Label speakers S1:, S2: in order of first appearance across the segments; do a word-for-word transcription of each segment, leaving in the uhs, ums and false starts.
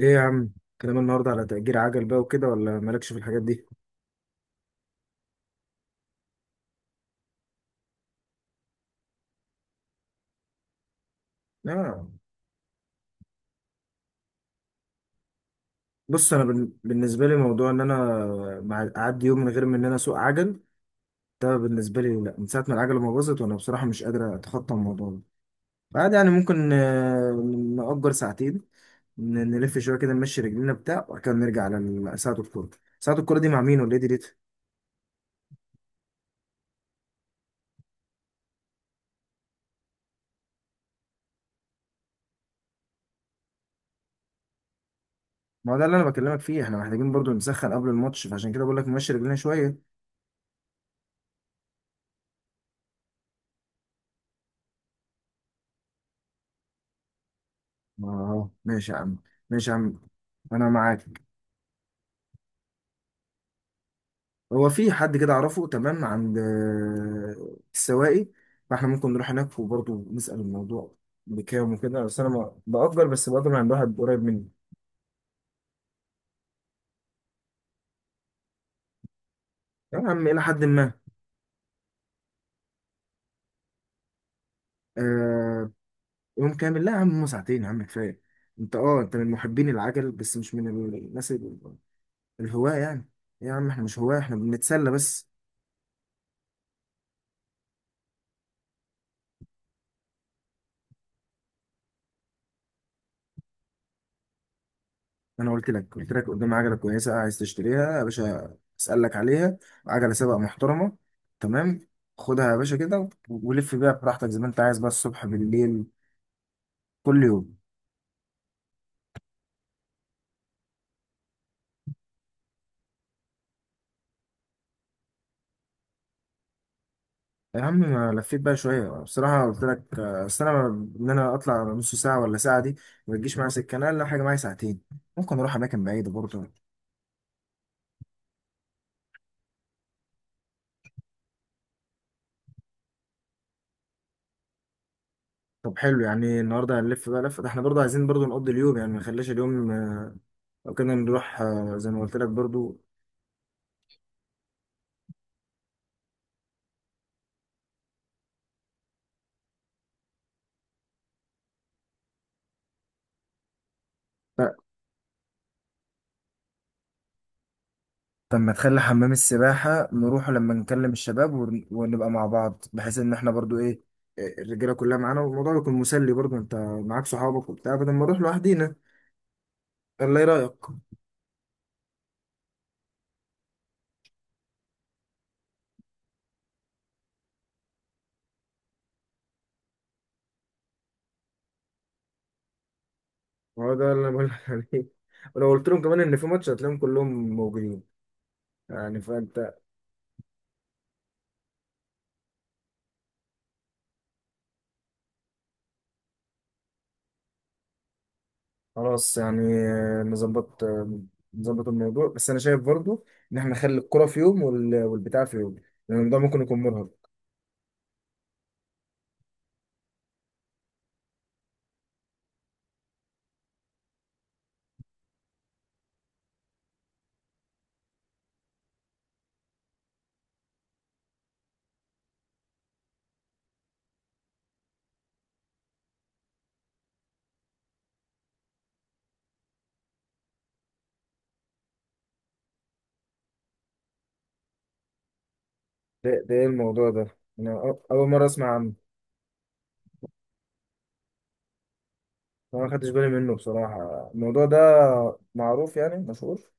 S1: ايه يا عم، كلام النهارده على تأجير عجل بقى وكده ولا مالكش في الحاجات دي؟ لا، بص انا بن- بالنسبه لي موضوع ان انا مع- اعدي يوم من غير ما ان انا اسوق عجل. ده بالنسبه لي لا، من ساعه ما العجله ما باظت وانا بصراحه مش قادر اتخطى الموضوع ده. بعد يعني ممكن آه، نأجر ساعتين. ن- نلف شويه كده، نمشي رجلينا بتاع وبعد كده نرجع على ال- ساعه الكوره. ساعه الكوره دي مع مين ولا ايه ديت؟ ما هو ده اللي انا بكلمك فيه، احنا محتاجين برضو نسخن قبل الماتش فعشان كده بقول لك نمشي رجلينا شويه. اه ماشي يا عم، ماشي يا عم، انا معاك. هو في حد كده اعرفه تمام عند آه، السواقي، فاحنا ممكن نروح هناك وبرضه نسأل الموضوع بكام وكده، بس انا ما- بأجر، بس بأجر من عند واحد قريب مني. يا عم الى حد ما. آه. يوم كامل لا يا عم، هما ساعتين يا عم كفايه. انت اه، انت من محبين العجل بس مش من الناس ال- الهواة يعني. يا عم احنا مش هواة، احنا بنتسلى بس. انا قلت لك قلت لك قدام عجله كويسه عايز تشتريها يا باشا، اسالك عليها. عجله سباق محترمه، تمام. خدها يا باشا كده و- ولف بيها براحتك زي ما انت عايز، بقى الصبح بالليل كل يوم. يا عم ما لفيت بقى شويه بصراحه، قلت لك آه، اصل انا ب- ان انا اطلع نص ساعه ولا ساعه دي ما تجيش معايا سكه، انا اقل حاجه معايا ساعتين، ممكن اروح اماكن بعيده برضه. طب حلو، يعني النهارده هنلف بقى لفه، ده احنا برضه عايزين برضه نقضي اليوم يعني، ما نخليش اليوم آه، لو كنا نروح آه، زي ما قلت لك برضو. طب ما تخلي حمام السباحة نروحه لما نكلم الشباب ون- ونبقى مع بعض، بحيث ان احنا برضو ايه، إيه، الرجالة كلها معانا والموضوع يكون مسلي برضو، انت معاك صحابك وبتاع بدل ما نروح لوحدينا. الله، ايه رأيك؟ هو ده اللي انا بقول لك عليه، ولو قلت لهم كمان ان في ماتش هتلاقيهم كلهم موجودين يعني، فانت. خلاص يعني، آه، نظبط، آه، نظبط الموضوع، بس انا شايف برضو ان احنا نخلي الكرة في يوم وال- والبتاع في يوم، لان الموضوع ممكن يكون مرهق. ده ده ايه الموضوع ده؟ انا أو- اول مرة اسمع عنه. أنا ما خدتش بالي منه بصراحة، الموضوع ده معروف يعني مشهور؟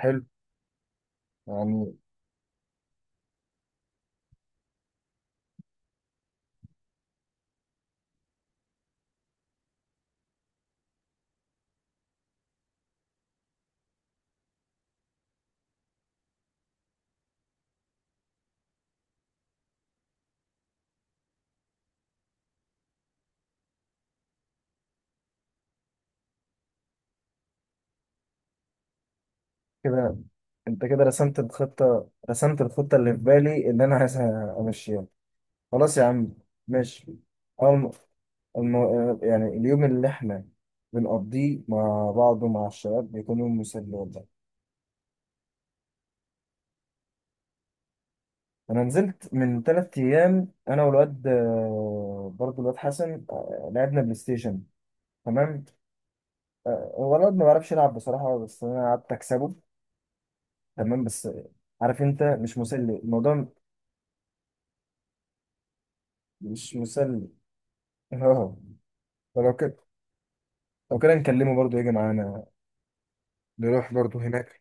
S1: حلو يعني. كده أنت كده رسمت الخطة رسمت الخطة اللي في بالي اللي أنا عايز أمشيها. خلاص يا عم ماشي. أول الم... يعني اليوم اللي إحنا بنقضيه مع بعض ومع الشباب بيكون يوم مسلي والله. أنا نزلت من تلات أيام أنا والواد آه، برضه الواد حسن، آه، لعبنا بلاي ستيشن تمام. آه، هو الواد ما بيعرفش يلعب بصراحة، بس أنا قعدت أكسبه تمام، بس عارف انت مش مسلي الموضوع، مش مسلي. اه. فلو كده، لو كده نكلمه برضه يجي معانا، نروح برضه هناك.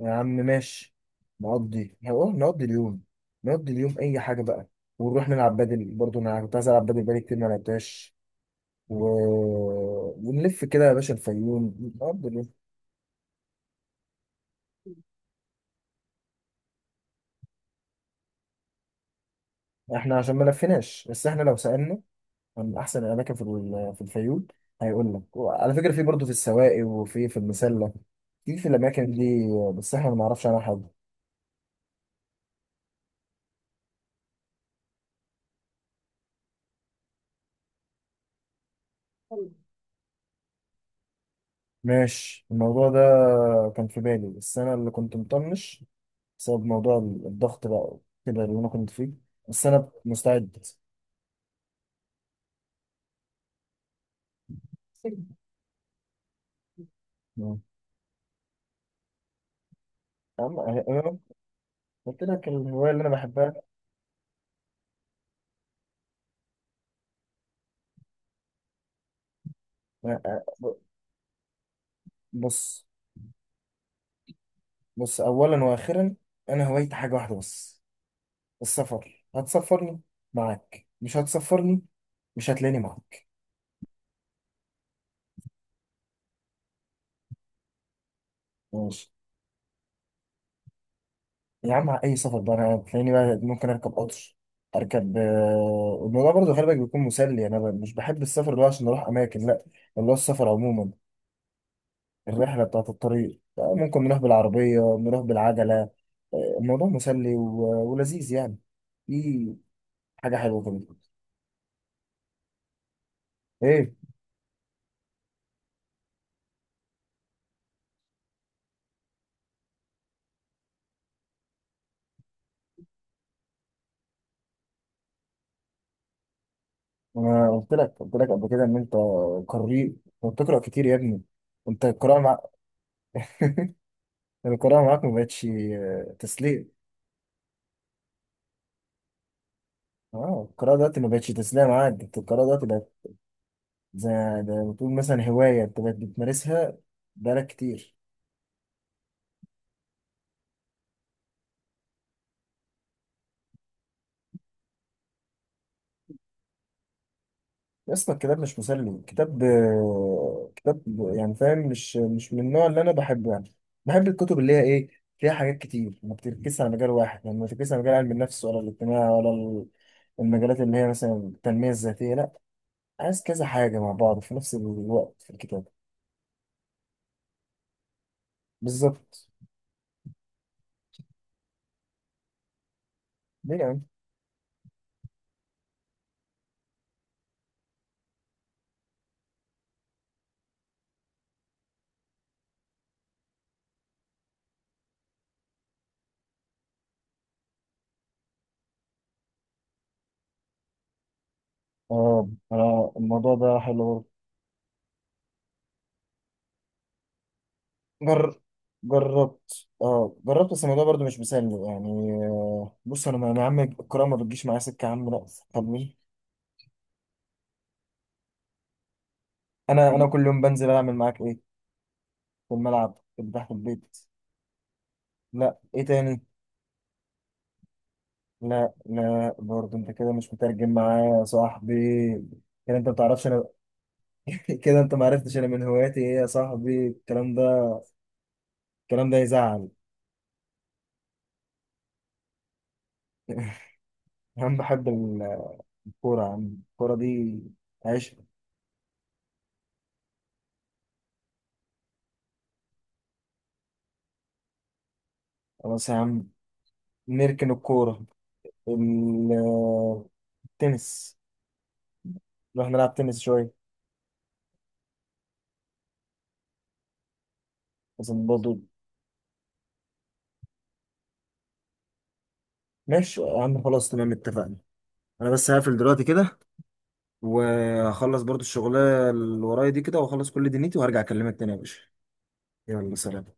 S1: يا عم ماشي، نقضي هو نقضي اليوم، نقضي اليوم اي حاجه بقى، ونروح نلعب بدل، برضه انا كنت عايز العب بدل بقالي كتير ما لعبتهاش و... ونلف كده يا باشا الفيوم نقضي اليوم. احنا عشان ما لفيناش بس، احنا لو سألنا من احسن الاماكن في ال- في الفيوم، هيقول لك. وعلى فكره في برضه في السواقي وفي في المسله، في في الاماكن دي، بس احنا ما نعرفش عنها حاجه. ماشي، الموضوع ده كان في بالي، بس انا اللي كنت مطنش بسبب موضوع الضغط بقى كده اللي انا كنت فيه، بس انا مستعد. نعم. أما أنا قلت لك الهواية اللي أنا بحبها. أنا- أ- بص، بص أولا وآخرا، أنا هوايتي حاجة واحدة بس، السفر. هتسفرني معاك مش هتسفرني، مش هتلاقيني معاك. ماشي يا عم، اي سفر بقى انا هتلاقيني بقى، ممكن اركب قطر، اركب آه، الموضوع برضه خلي بالك بيكون مسلي يعني، انا ب- مش بحب السفر ده عشان اروح اماكن لا، اللي هو السفر عموما. الرحله بتاعت الطريق آه، ممكن نروح بالعربيه، نروح بالعجله، آه، الموضوع مسلي و- ولذيذ يعني، في حاجه حلوه كده. ايه؟ انا قلت لك قلت لك قبل كده ان انت قارئ وبتقرا كتير يا ابني، انت القراءه، القراءة معاك ما بقتش آه، تسلية. اه القراءة دلوقتي ما بقتش تسلية معاك، ده القراءة دلوقتي بقت زي، ده بتقول مثلا هواية انت بقت بتمارسها بقالك كتير. يا اسطى الكتاب مش مسلي، كتاب آه، كتاب يعني، فاهم، مش مش من النوع اللي انا بحبه يعني، بحب الكتب اللي هي ايه، فيها حاجات كتير، ما بتركزش على مجال واحد يعني، ما بتركزش على مجال علم النفس ولا الاجتماع ولا ال- المجالات اللي هي مثلا التنمية الذاتية لا، عايز كذا حاجة مع بعض في نفس الوقت في الكتاب. بالظبط. ليه؟ اه انا الموضوع ده حلو. برضه جر... جربت اه، جربت بس الموضوع برضه مش مسلي يعني، آه، بص انا ما- يا عم الكرة ما بتجيش معايا سكة يا عم لا. فاهمني، انا انا مم. كل يوم بنزل اعمل معاك ايه في الملعب اللي تحت البيت؟ لا، ايه تاني؟ لا لا، برضه انت كده مش مترجم معايا يا صاحبي، كده انت ما بتعرفش انا. كده انت ما عرفتش انا من هواياتي ايه يا صاحبي؟ الكلام ده، الكلام ده يزعل. انا بحب الكورة يا عم، الكورة دي عشق. خلاص يا عم، نركن الكورة، ال- التنس، نروح نلعب تنس شوية. بس برضه. ماشي يا عم، خلاص تمام اتفقنا. أنا بس هقفل دلوقتي كده، وهخلص برضه الشغلانة اللي ورايا دي كده، وأخلص كل دنيتي، وهرجع أكلمك تاني يا باشا. يلا سلام.